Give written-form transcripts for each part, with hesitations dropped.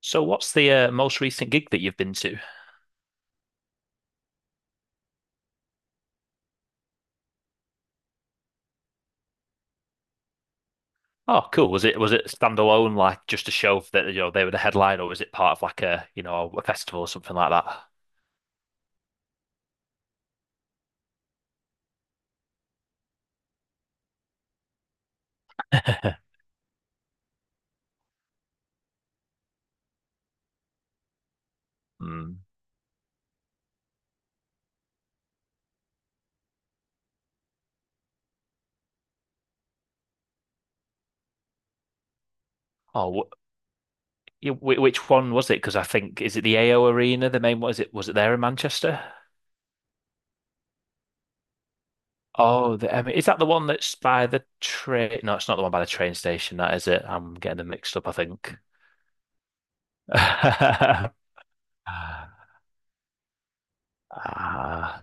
So, what's the most recent gig that you've been to? Oh, cool. Was it standalone, like just a show that you know they were the headline, or was it part of like a you know a festival or something like that? Hmm. Oh, wh you- wh- which one was it? Because I think is it the AO Arena, the main one? Is it was it there in Manchester? Oh, the, I mean, is that the one that's by the train? No, it's not the one by the train station. That is it. I'm getting them mixed up, I think. Ah,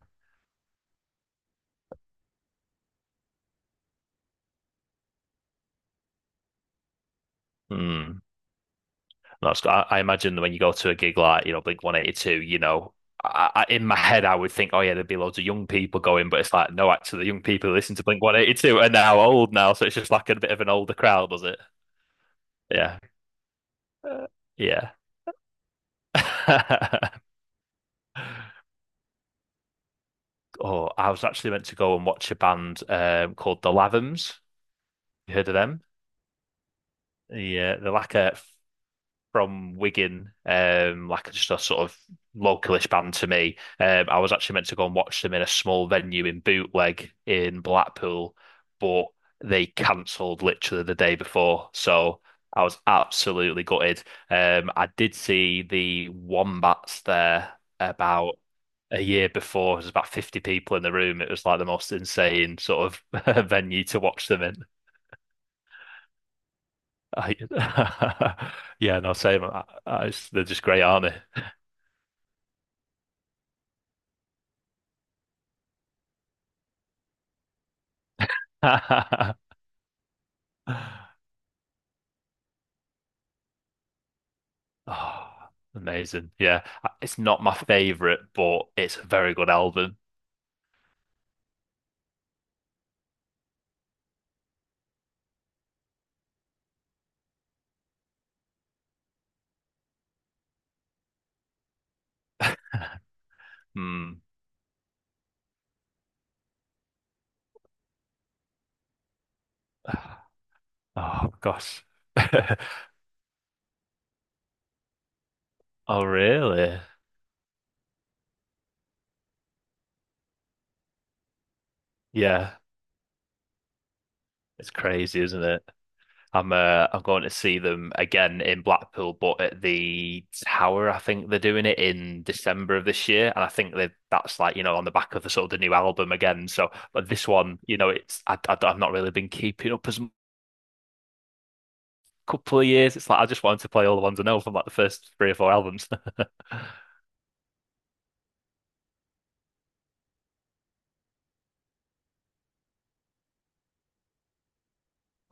hmm. That's I imagine that when you go to a gig like, you know, Blink 182, in my head I would think, oh yeah, there'd be loads of young people going, but it's like, no, actually, the young people who listen to Blink 182 are now old now, so it's just like a bit of an older crowd, was it? Yeah, uh, yeah. Oh, I was actually meant to go and watch a band called The Lathams. You heard of them? Yeah, they're like a from Wigan, like just a sort of localish band to me. I was actually meant to go and watch them in a small venue in Bootleg in Blackpool, but they cancelled literally the day before. So I was absolutely gutted. I did see the Wombats there about a year before. There was about 50 people in the room. It was like the most insane sort of venue to watch them in. I, yeah, no, same. It's- they're just great, aren't they? Oh, amazing. Yeah. It's not my favorite, but it's a very good album. Hmm. Oh, gosh. Oh, really? Yeah. It's crazy, isn't it? I'm going to see them again in Blackpool, but at the Tower, I think they're doing it in December of this year, and I think they that's like you know on the back of the sort of the new album again. So, but this one, you know, it's I've not really been keeping up as couple of years. It's like I just wanted to play all the ones I know from like the first three or four albums.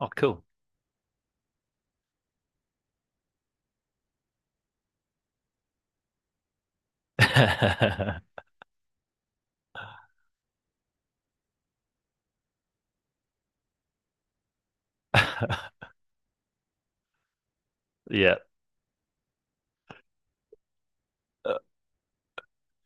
Oh, cool. Yeah.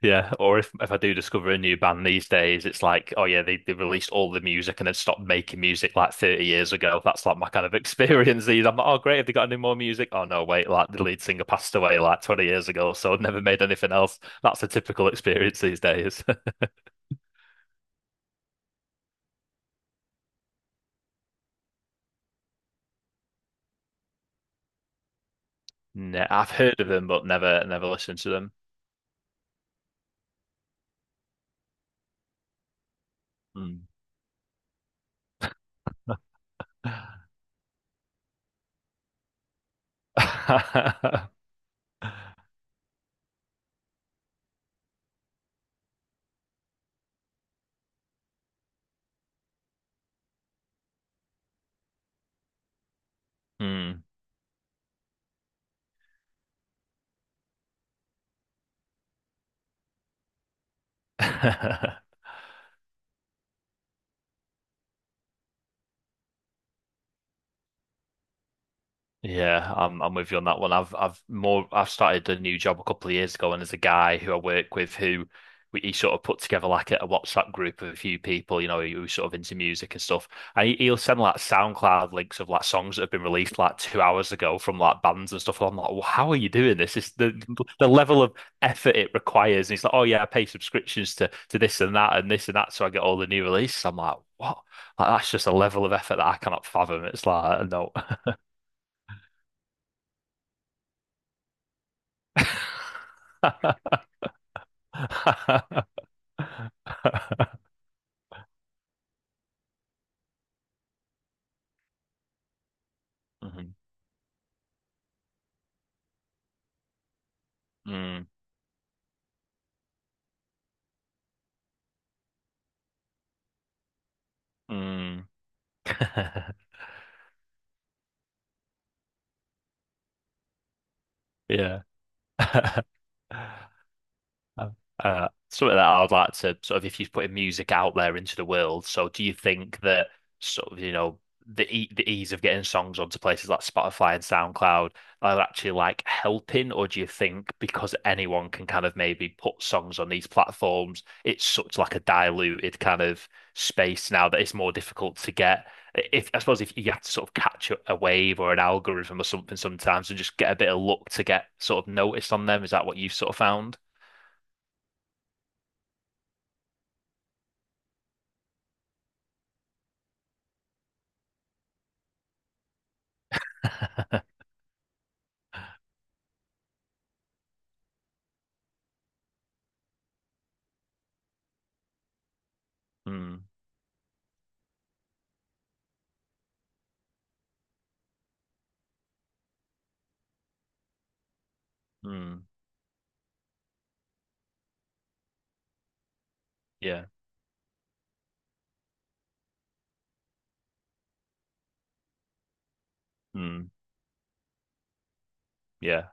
Yeah, or if I do discover a new band these days, it's like, oh yeah, they released all the music and then stopped making music like 30 years ago. That's like my kind of experience these. I'm like, oh great, have they got any more music? Oh no, wait, like the lead singer passed away like 20 years ago, so I've never made anything else. That's a typical experience these days. Nah, I've heard of them, but never listened to them. Hmm. Hmm. Yeah, I'm with you on that one. I've started a new job a couple of years ago, and there's a guy who I work with who he sort of put together like a WhatsApp group of a few people, who, sort of into music and stuff. And he'll send like SoundCloud links of like songs that have been released like 2 hours ago from like bands and stuff. And I'm like, well, how are you doing this? It's the level of effort it requires. And he's like, oh yeah, I pay subscriptions to this and that and this and that, so I get all the new releases. I'm like, what? Like, that's just a level of effort that I cannot fathom. It's like, no. Mhm. Mm-hmm. Mm. Mm. Yeah. Oh. Something that I would like to sort of if you're putting music out there into the world. So do you think that sort of, you know, the e the ease of getting songs onto places like Spotify and SoundCloud are actually like helping, or do you think because anyone can kind of maybe put songs on these platforms, it's such like a diluted kind of space now that it's more difficult to get if I suppose if you have to sort of catch a wave or an algorithm or something sometimes and just get a bit of luck to get sort of noticed on them, is that what you've sort of found? Hmm. Mm, yeah. Mm, yeah.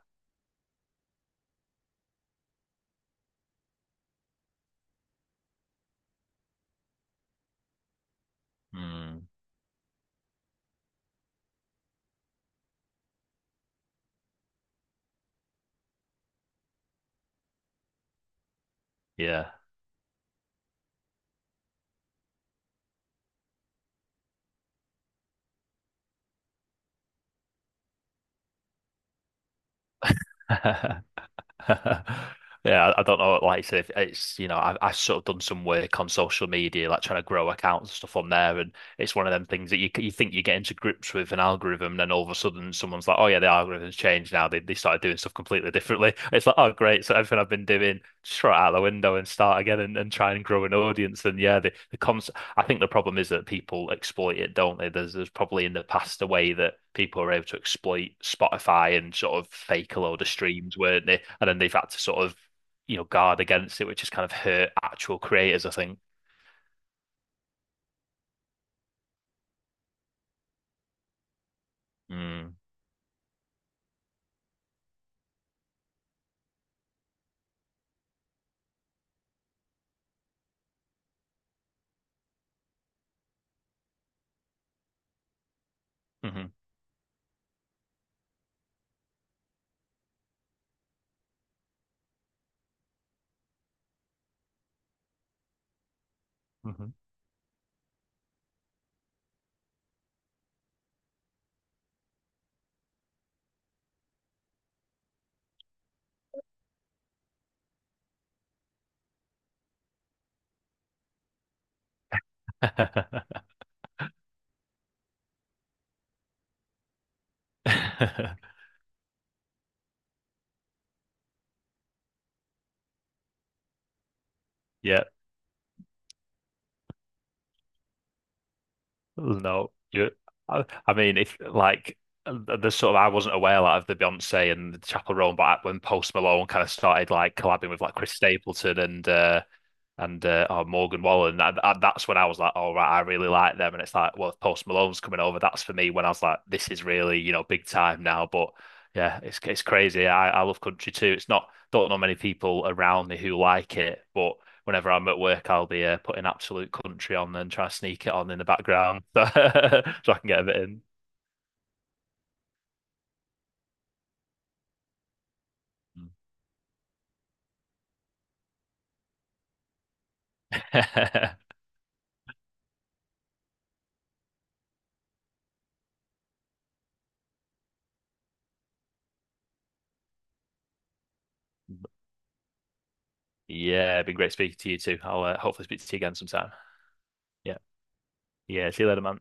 Mm, yeah. Yeah, I don't know. Like I said, if it's you know, I sort of done some work on social media, like trying to grow accounts and stuff on there, and it's one of them things that you c- you think you get into grips with an algorithm, and then all of a sudden someone's like, oh yeah, the algorithm's changed now. They started doing stuff completely differently. It's like, oh great, so everything I've been doing, just throw it out the window and start again and try and grow an audience. And yeah, the concept I think the problem is that people exploit it, don't they? There's probably in the past a way that people are able to exploit Spotify and sort of fake a load of streams, weren't they? And then they've had to sort of, you know, guard against it, which has kind of hurt actual creators, I think. Mm. Mm-hmm. Mm-hmm. Yeah. No. Yeah. I mean, if like the sort of I wasn't aware like, of the Beyonce and the Chapel Roan, but when Post Malone kind of started like collabing with like Chris Stapleton and oh, Morgan Wallen. And that's when I was like, all oh, right, I really like them. And it's like, well, Post Malone's coming over. That's for me when I was like, this is really, you know, big time now. But yeah, it's crazy. I love country too. It's not, don't know many people around me who like it, but whenever I'm at work, I'll be putting absolute country on and try to sneak it on in the background so, so I can get a bit in. Yeah, been great speaking to you too. I'll hopefully speak to you again sometime. Yeah. Yeah. See you later, man.